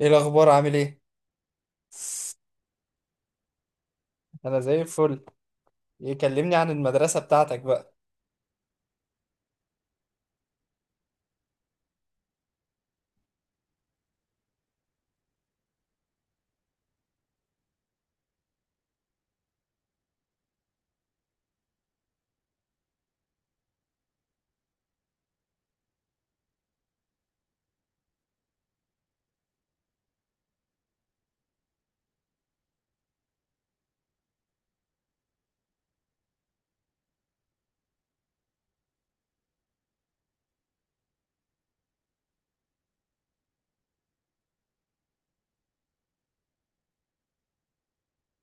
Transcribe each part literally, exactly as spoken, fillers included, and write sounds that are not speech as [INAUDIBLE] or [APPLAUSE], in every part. ايه الاخبار عامل ايه؟ انا زي الفل. يكلمني عن المدرسه بتاعتك بقى.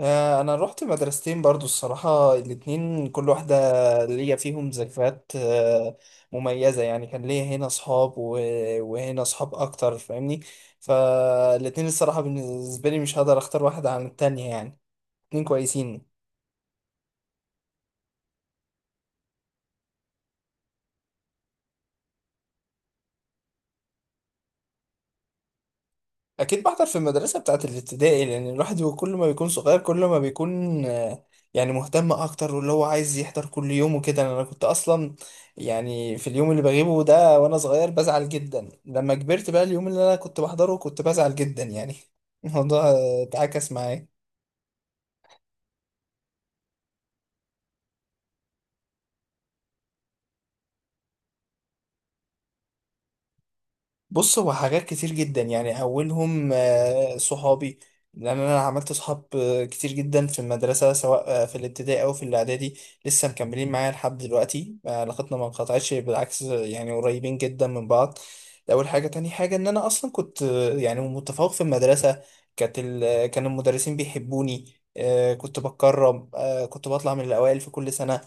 آه، انا رحت مدرستين برضو الصراحه، الاتنين كل واحده ليا فيهم ذكريات آه، مميزه يعني، كان ليا هنا اصحاب و- وهنا اصحاب اكتر فاهمني. فالاتنين الصراحه بالنسبه لي مش هقدر اختار واحده عن التانية يعني، اتنين كويسين. اكيد بحضر في المدرسه بتاعه الابتدائي، لان الواحد هو كل ما بيكون صغير كل ما بيكون آه، يعني مهتم اكتر، واللي هو عايز يحضر كل يوم وكده. انا كنت اصلا يعني في اليوم اللي بغيبه ده وانا صغير بزعل جدا، لما كبرت بقى اليوم اللي انا كنت بحضره كنت بزعل جدا يعني. [LAUGHS] الموضوع آه، اتعكس معايا. بص، هو حاجات كتير جدا يعني، اولهم آه، صحابي، لان انا عملت صحاب آه، كتير جدا في المدرسه سواء آه، في الابتدائي او في الاعدادي. لسه مكملين معايا لحد دلوقتي، آه، علاقتنا ما انقطعتش، بالعكس آه، يعني قريبين جدا من بعض. ده اول حاجه. تاني حاجه، ان انا اصلا كنت آه، يعني متفوق في المدرسه. كانت ال- آه، كان المدرسين بيحبوني، آه، كنت بتكرم، آه، كنت بطلع من الاوائل في كل سنه.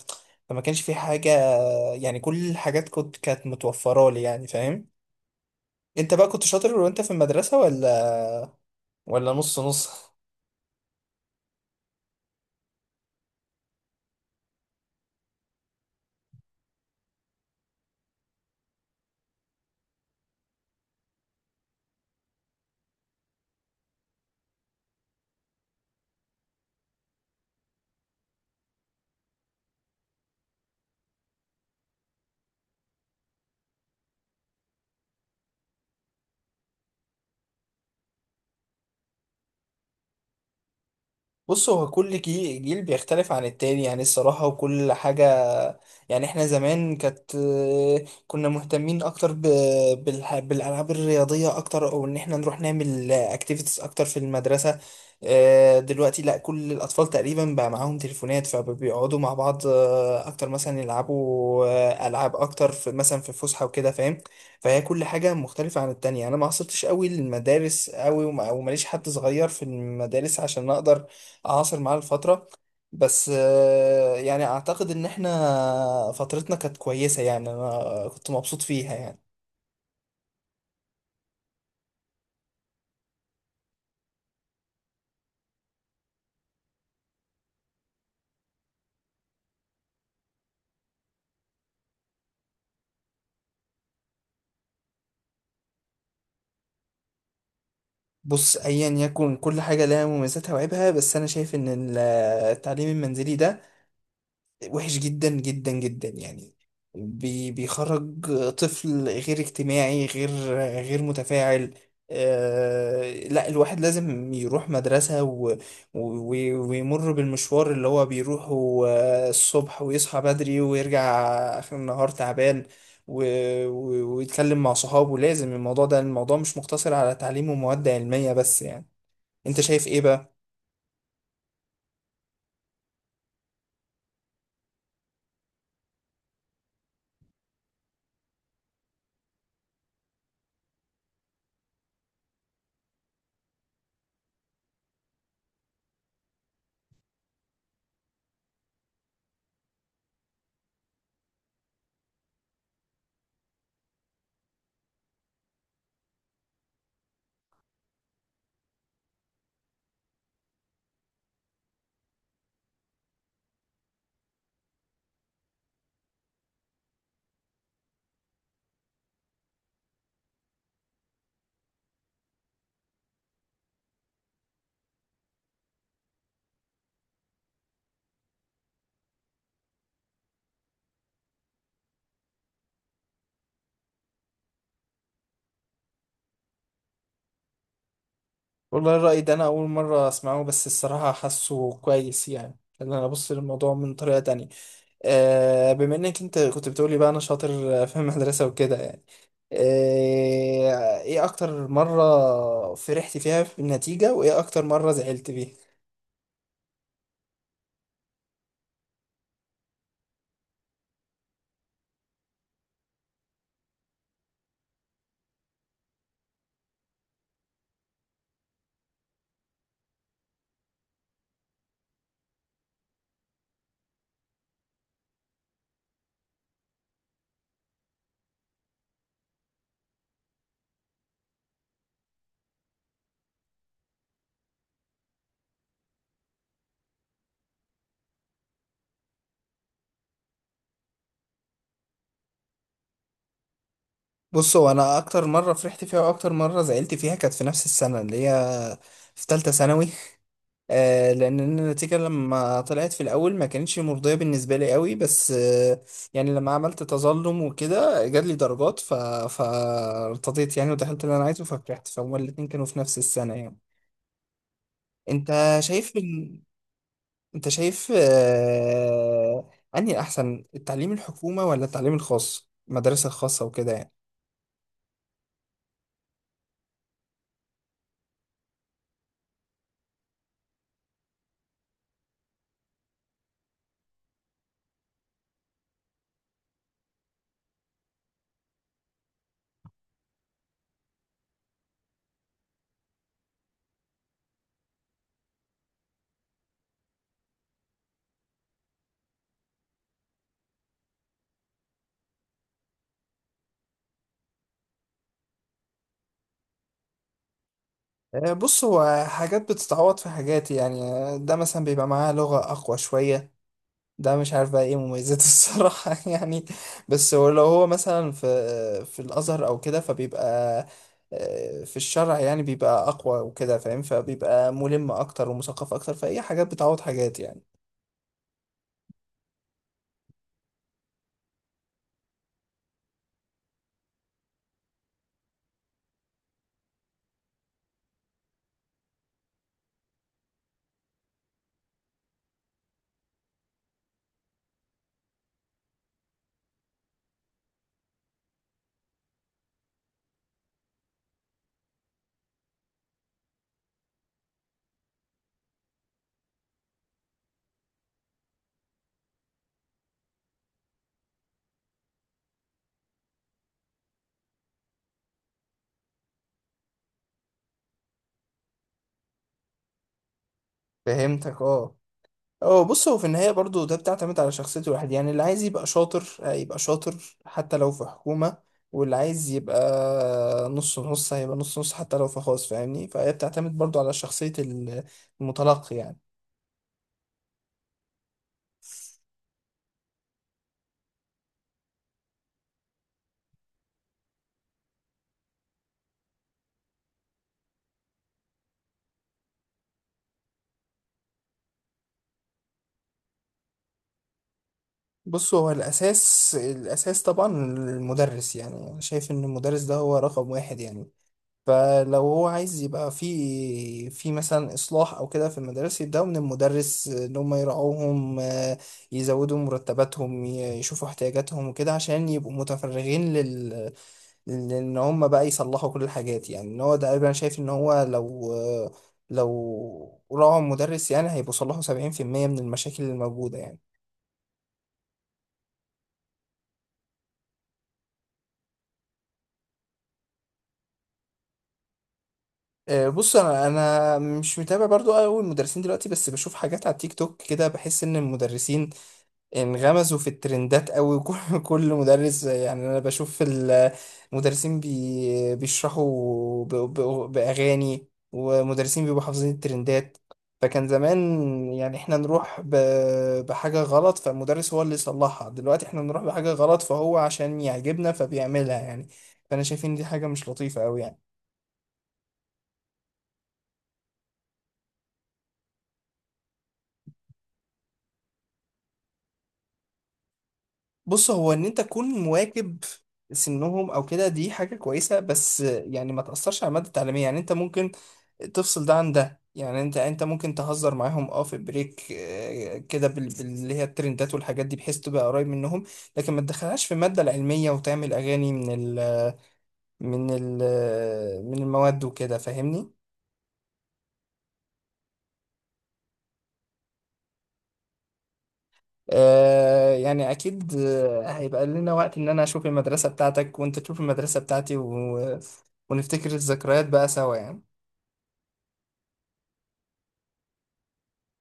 فما كانش في حاجه، آه، يعني كل الحاجات كنت كانت متوفره لي يعني، فاهم؟ انت بقى كنت شاطر وانت في المدرسة، ولا ولا نص نص؟ بص هو كل جي- جيل بيختلف عن التاني يعني، الصراحة، وكل حاجة. يعني احنا زمان كانت كنا مهتمين اكتر ب... بالح... بالالعاب الرياضيه اكتر، او ان احنا نروح نعمل اكتيفيتيز اكتر في المدرسه. آه، دلوقتي لا، كل الاطفال تقريبا بقى معاهم تليفونات فبيقعدوا مع بعض آه، اكتر، مثلا يلعبوا آه، العاب اكتر في مثلا في فسحه وكده فاهم؟ فهي كل حاجه مختلفه عن التانية. انا ما عصرتش قوي للمدارس قوي، وما- وماليش حد صغير في المدارس عشان اقدر اعاصر معاه الفتره. بس آه، يعني اعتقد ان احنا فترتنا كانت كويسة يعني، انا كنت مبسوط فيها يعني. بص، ايا يكن كل حاجة لها مميزاتها وعيبها، بس انا شايف ان ال- التعليم المنزلي ده وحش جدا جدا جدا يعني. بي بيخرج طفل غير اجتماعي، غير غير متفاعل. آه لا، الواحد لازم يروح مدرسة، و و ويمر بالمشوار اللي هو بيروحه آه، الصبح، ويصحى بدري، ويرجع آخر النهار تعبان، و و ويتكلم مع صحابه. لازم الموضوع ده الموضوع مش مقتصر على تعليم ومواد علمية بس يعني. انت شايف ايه بقى؟ والله الرأي ده أنا أول مرة أسمعه، بس الصراحة حاسه كويس يعني. خلينا أنا أبص للموضوع من طريقة تانية. آه بما إنك أنت كنت بتقولي بقى أنا شاطر [LAUGHS] في المدرسة وكده يعني، آه إيه أكتر مرة فرحت فيها في النتيجة؟ وإيه أكتر مرة زعلت فيها؟ بص هو أنا أكتر مرة فرحت فيها وأكتر مرة زعلت فيها كانت في نفس السنة، اللي هي في تالتة ثانوي. آه، لان النتيجه لما طلعت في الاول ما كانتش مرضيه بالنسبه لي قوي، بس آه، يعني لما عملت تظلم وكده جات لي درجات، ف فارتضيت يعني، ودخلت اللي انا عايزه ففرحت. فهما الاتنين كانوا في نفس السنه يعني. انت شايف إن- انت شايف آه، انهي احسن، التعليم الحكومه ولا التعليم الخاص المدارس الخاصه وكده يعني؟ آه، بص هو حاجات بتتعوض في حاجات يعني. آه، ده مثلا بيبقى معاه لغه اقوى شويه، ده مش عارف بقى ايه مميزاته [LAUGHS] الصراحة يعني. بس هو لو هو مثلا في في الأزهر أو كده، فبيبقى آه، في الشرع يعني بيبقى أقوى وكده فاهم؟ فبيبقى ملم أكتر ومثقف أكتر، فأي حاجات بتعوض حاجات يعني. فهمتك اه. اه، بص هو في النهاية برضو ده بتعتمد على شخصية الواحد يعني. اللي عايز يبقى شاطر هيبقى شاطر حتى لو في حكومة، واللي عايز يبقى نص نص هيبقى نص نص حتى لو في خاص، فاهمني؟ فهي بتعتمد برضو على شخصية المتلقي يعني. بص هو الأساس، الأساس طبعا المدرس، يعني أنا شايف إن المدرس ده هو رقم واحد يعني. فلو هو عايز يبقى في في مثلا إصلاح أو كده في المدارس، يبدأوا من المدرس، إن هم يراعوهم، آه، يزودوا مرتباتهم، ي- يشوفوا احتياجاتهم وكده، عشان يبقوا متفرغين لل لإن هم بقى يصلحوا كل الحاجات يعني. إن هو ده أنا شايف إن هو، لو لو راعوا المدرس يعني، هيبقوا صلحوا سبعين في المية من المشاكل الموجودة يعني. آه، بص انا انا مش متابع برضو قوي المدرسين دلوقتي، بس بشوف حاجات على التيك توك كده بحس ان المدرسين انغمزوا في الترندات قوي. [LAUGHS] وكل- كل مدرس يعني. انا بشوف ال- المدرسين بي بيشرحوا ب- ب- باغاني، ومدرسين بيبقوا حافظين الترندات. فكان زمان يعني احنا نروح ب- بحاجة غلط فالمدرس هو اللي يصلحها، دلوقتي احنا نروح بحاجة غلط فهو عشان يعجبنا فبيعملها يعني. فانا شايف ان دي حاجة مش لطيفة قوي يعني. بص هو ان انت تكون مواكب سنهم او كده دي حاجة كويسة، بس يعني ما تأثرش على المادة التعليمية يعني. انت ممكن تفصل ده عن ده يعني. انت انت ممكن تهزر معاهم اه في بريك، آه، كده بال- بال- اللي هي الترندات والحاجات دي، بحيث تبقى قريب منهم. لكن ما تدخلهاش في المادة العلمية وتعمل اغاني من ال من ال من المواد وكده فاهمني؟ آه يعني اكيد، آه، هيبقى لنا وقت ان انا اشوف المدرسة بتاعتك وانت تشوف المدرسة بتاعتي، و... ونفتكر الذكريات بقى سوا يعني.